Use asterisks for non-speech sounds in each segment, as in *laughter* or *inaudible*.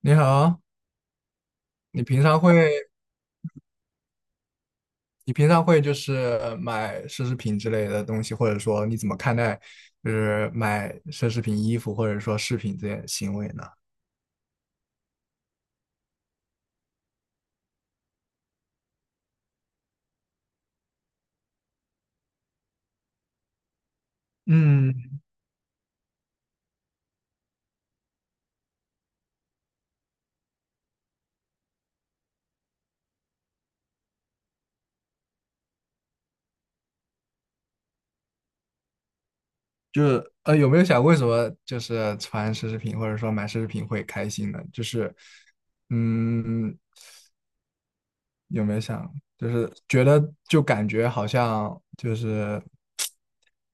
你好，你平常会，你平常会就是买奢侈品之类的东西，或者说你怎么看待就是买奢侈品衣服或者说饰品这些行为呢？嗯，就是有没有想过为什么就是穿奢侈品或者说买奢侈品会开心呢？就是，嗯，有没有想，就是觉得就感觉好像就是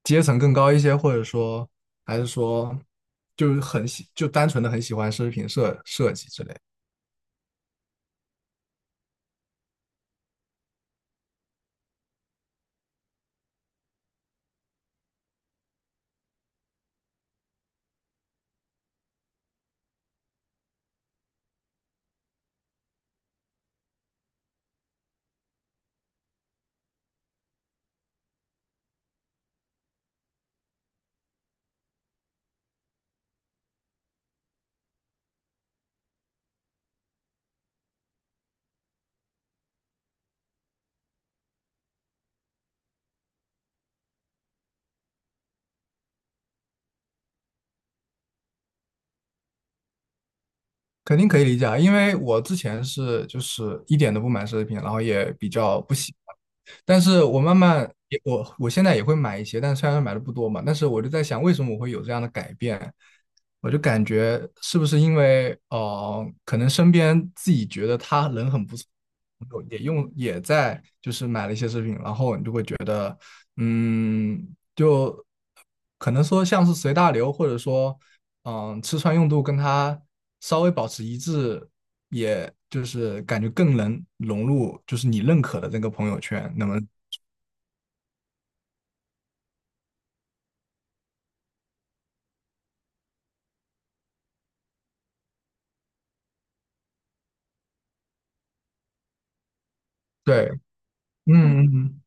阶层更高一些，或者说还是说就是很喜，就单纯的很喜欢奢侈品设设计之类肯定可以理解啊。因为我之前是就是一点都不买奢侈品，然后也比较不喜欢。但是我慢慢也我现在也会买一些，但虽然买的不多嘛，但是我就在想，为什么我会有这样的改变？我就感觉是不是因为可能身边自己觉得他人很不错，也用也在就是买了一些奢侈品，然后你就会觉得，嗯，就可能说像是随大流，或者说嗯，吃穿用度跟他稍微保持一致，也就是感觉更能融入，就是你认可的这个朋友圈。那么，对，嗯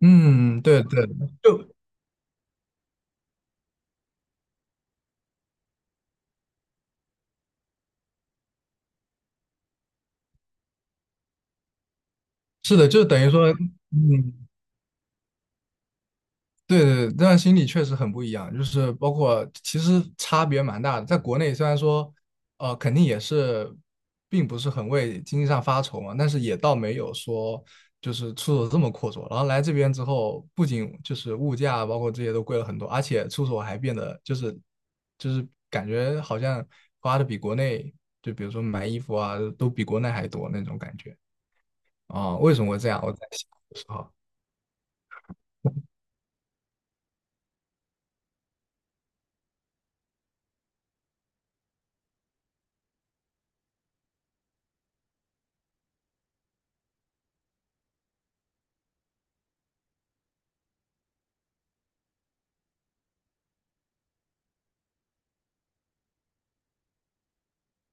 嗯嗯，对对，就是的，就等于说，嗯，对对，但心理确实很不一样，就是包括其实差别蛮大的。在国内虽然说，肯定也是，并不是很为经济上发愁嘛，但是也倒没有说就是出手这么阔绰。然后来这边之后，不仅就是物价包括这些都贵了很多，而且出手还变得就是就是感觉好像花的比国内，就比如说买衣服啊，都比国内还多那种感觉啊，为什么会这样？我在想的时候，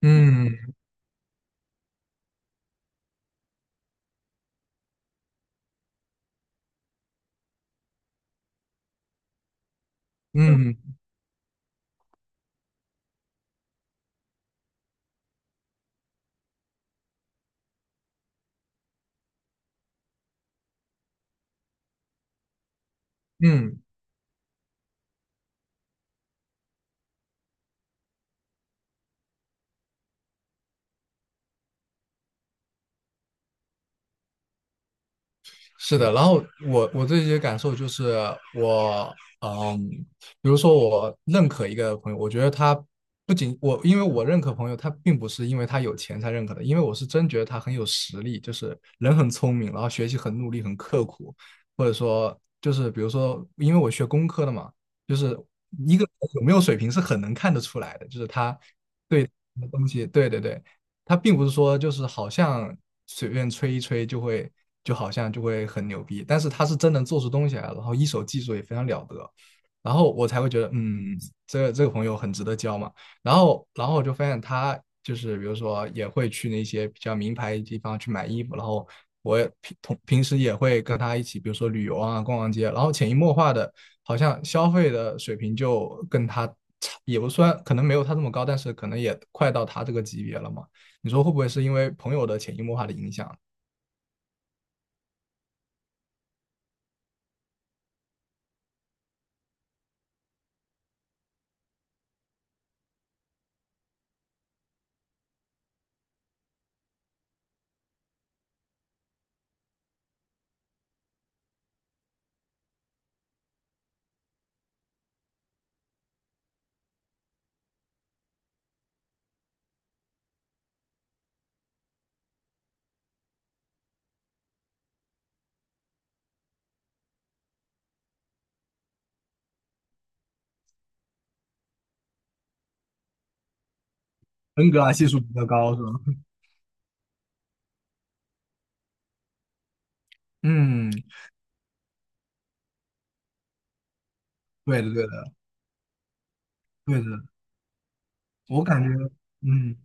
嗯嗯嗯。是的，然后我自己的感受就是我，嗯，比如说我认可一个朋友，我觉得他不仅我，因为我认可朋友，他并不是因为他有钱才认可的，因为我是真觉得他很有实力，就是人很聪明，然后学习很努力，很刻苦，或者说就是比如说，因为我学工科的嘛，就是一个人有没有水平是很能看得出来的，就是他对东西，对对对，他并不是说就是好像随便吹一吹就会，就好像就会很牛逼，但是他是真能做出东西来，然后一手技术也非常了得，然后我才会觉得，嗯，这个朋友很值得交嘛。然后，然后我就发现他就是比如说也会去那些比较名牌地方去买衣服，然后我也平同平时也会跟他一起，比如说旅游啊、逛逛街，然后潜移默化的，好像消费的水平就跟他差，也不算，可能没有他这么高，但是可能也快到他这个级别了嘛。你说会不会是因为朋友的潜移默化的影响？恩格尔系数比较高是吧？*laughs* 嗯，对的，对的，对的。我感觉，嗯，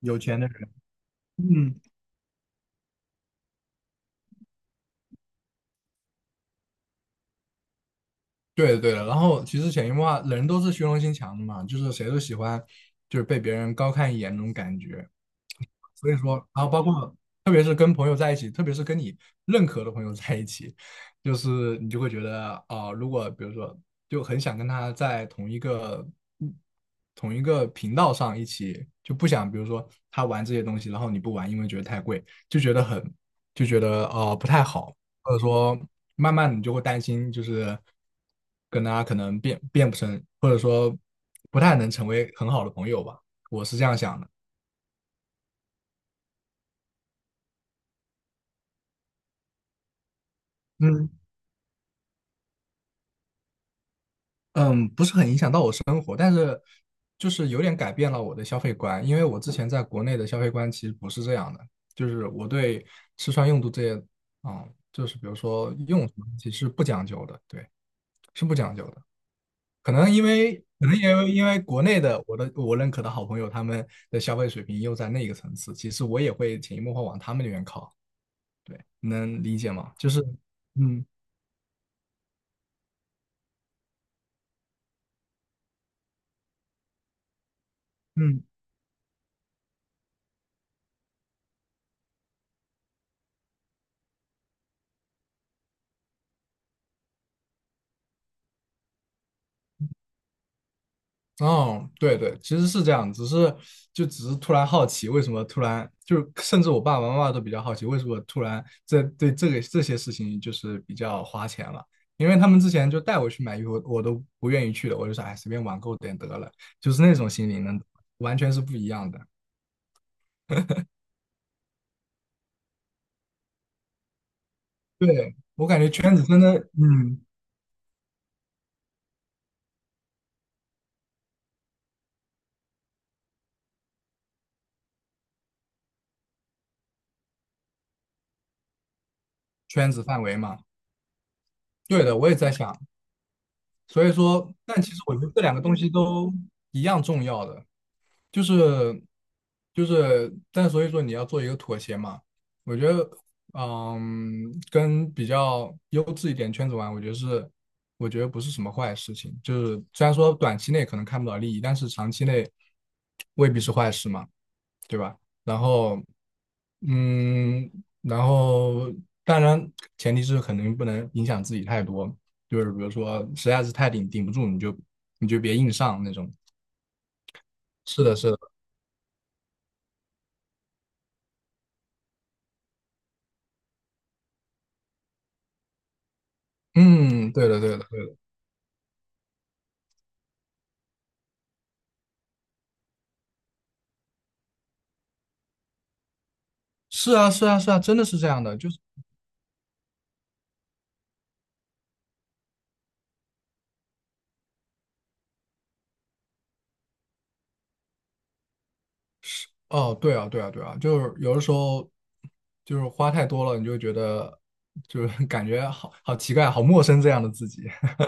有钱的人，嗯，对的对的。然后其实潜移默化，人都是虚荣心强的嘛，就是谁都喜欢就是被别人高看一眼那种感觉。所以说，然后包括特别是跟朋友在一起，特别是跟你认可的朋友在一起，就是你就会觉得啊、如果比如说就很想跟他在同一个频道上一起，就不想比如说他玩这些东西，然后你不玩，因为觉得太贵，就觉得很就觉得不太好，或者说慢慢你就会担心，就是跟他可能变变不成，或者说不太能成为很好的朋友吧，我是这样想的。嗯，嗯，不是很影响到我生，就是有点改变了我的消费观，因为我之前在国内的消费观其实不是这样的，就是我对吃穿用度这些，啊，就是比如说用什么东西是不讲究的，对，是不讲究的。可能因为，可能因为国内的我的我认可的好朋友他们的消费水平又在那个层次，其实我也会潜移默化往他们那边靠，对，能理解吗？就是，嗯嗯哦，对对，其实是这样，只是就只是突然好奇，为什么突然就是甚至我爸爸妈妈都比较好奇，为什么突然这对这个这些事情就是比较花钱了，因为他们之前就带我去买衣服，我都不愿意去的，我就说哎随便网购点得了，就是那种心理呢，完全是不一样的。对，我感觉圈子真的，嗯，圈子范围嘛，对的，我也在想，所以说，但其实我觉得这两个东西都一样重要的。就是就是，但所以说你要做一个妥协嘛。我觉得，嗯，跟比较优质一点圈子玩，我觉得是，我觉得不是什么坏事情。就是虽然说短期内可能看不到利益，但是长期内未必是坏事嘛，对吧？然后，嗯，然后当然前提是肯定不能影响自己太多，就是比如说实在是太顶顶不住，你就别硬上那种。是的，是的。嗯，对的，对的，对的，是啊，是啊，是啊，真的是这样的，就是哦，对啊，对啊，对啊，就是有的时候就是花太多了，你就觉得就是 *laughs* 感觉好好奇怪，好陌生这样的自己。*laughs*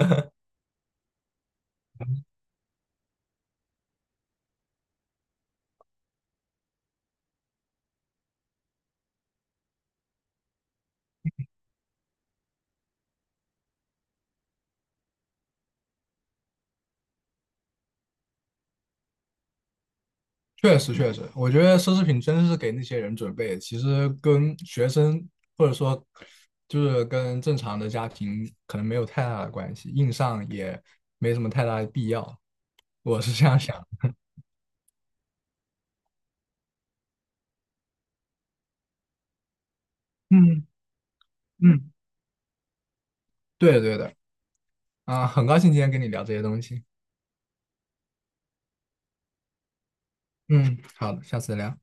确实，确实，我觉得奢侈品真是给那些人准备的，其实跟学生或者说就是跟正常的家庭可能没有太大的关系，硬上也没什么太大的必要，我是这样想的嗯嗯，对的对的，啊，很高兴今天跟你聊这些东西。嗯，好的下次聊。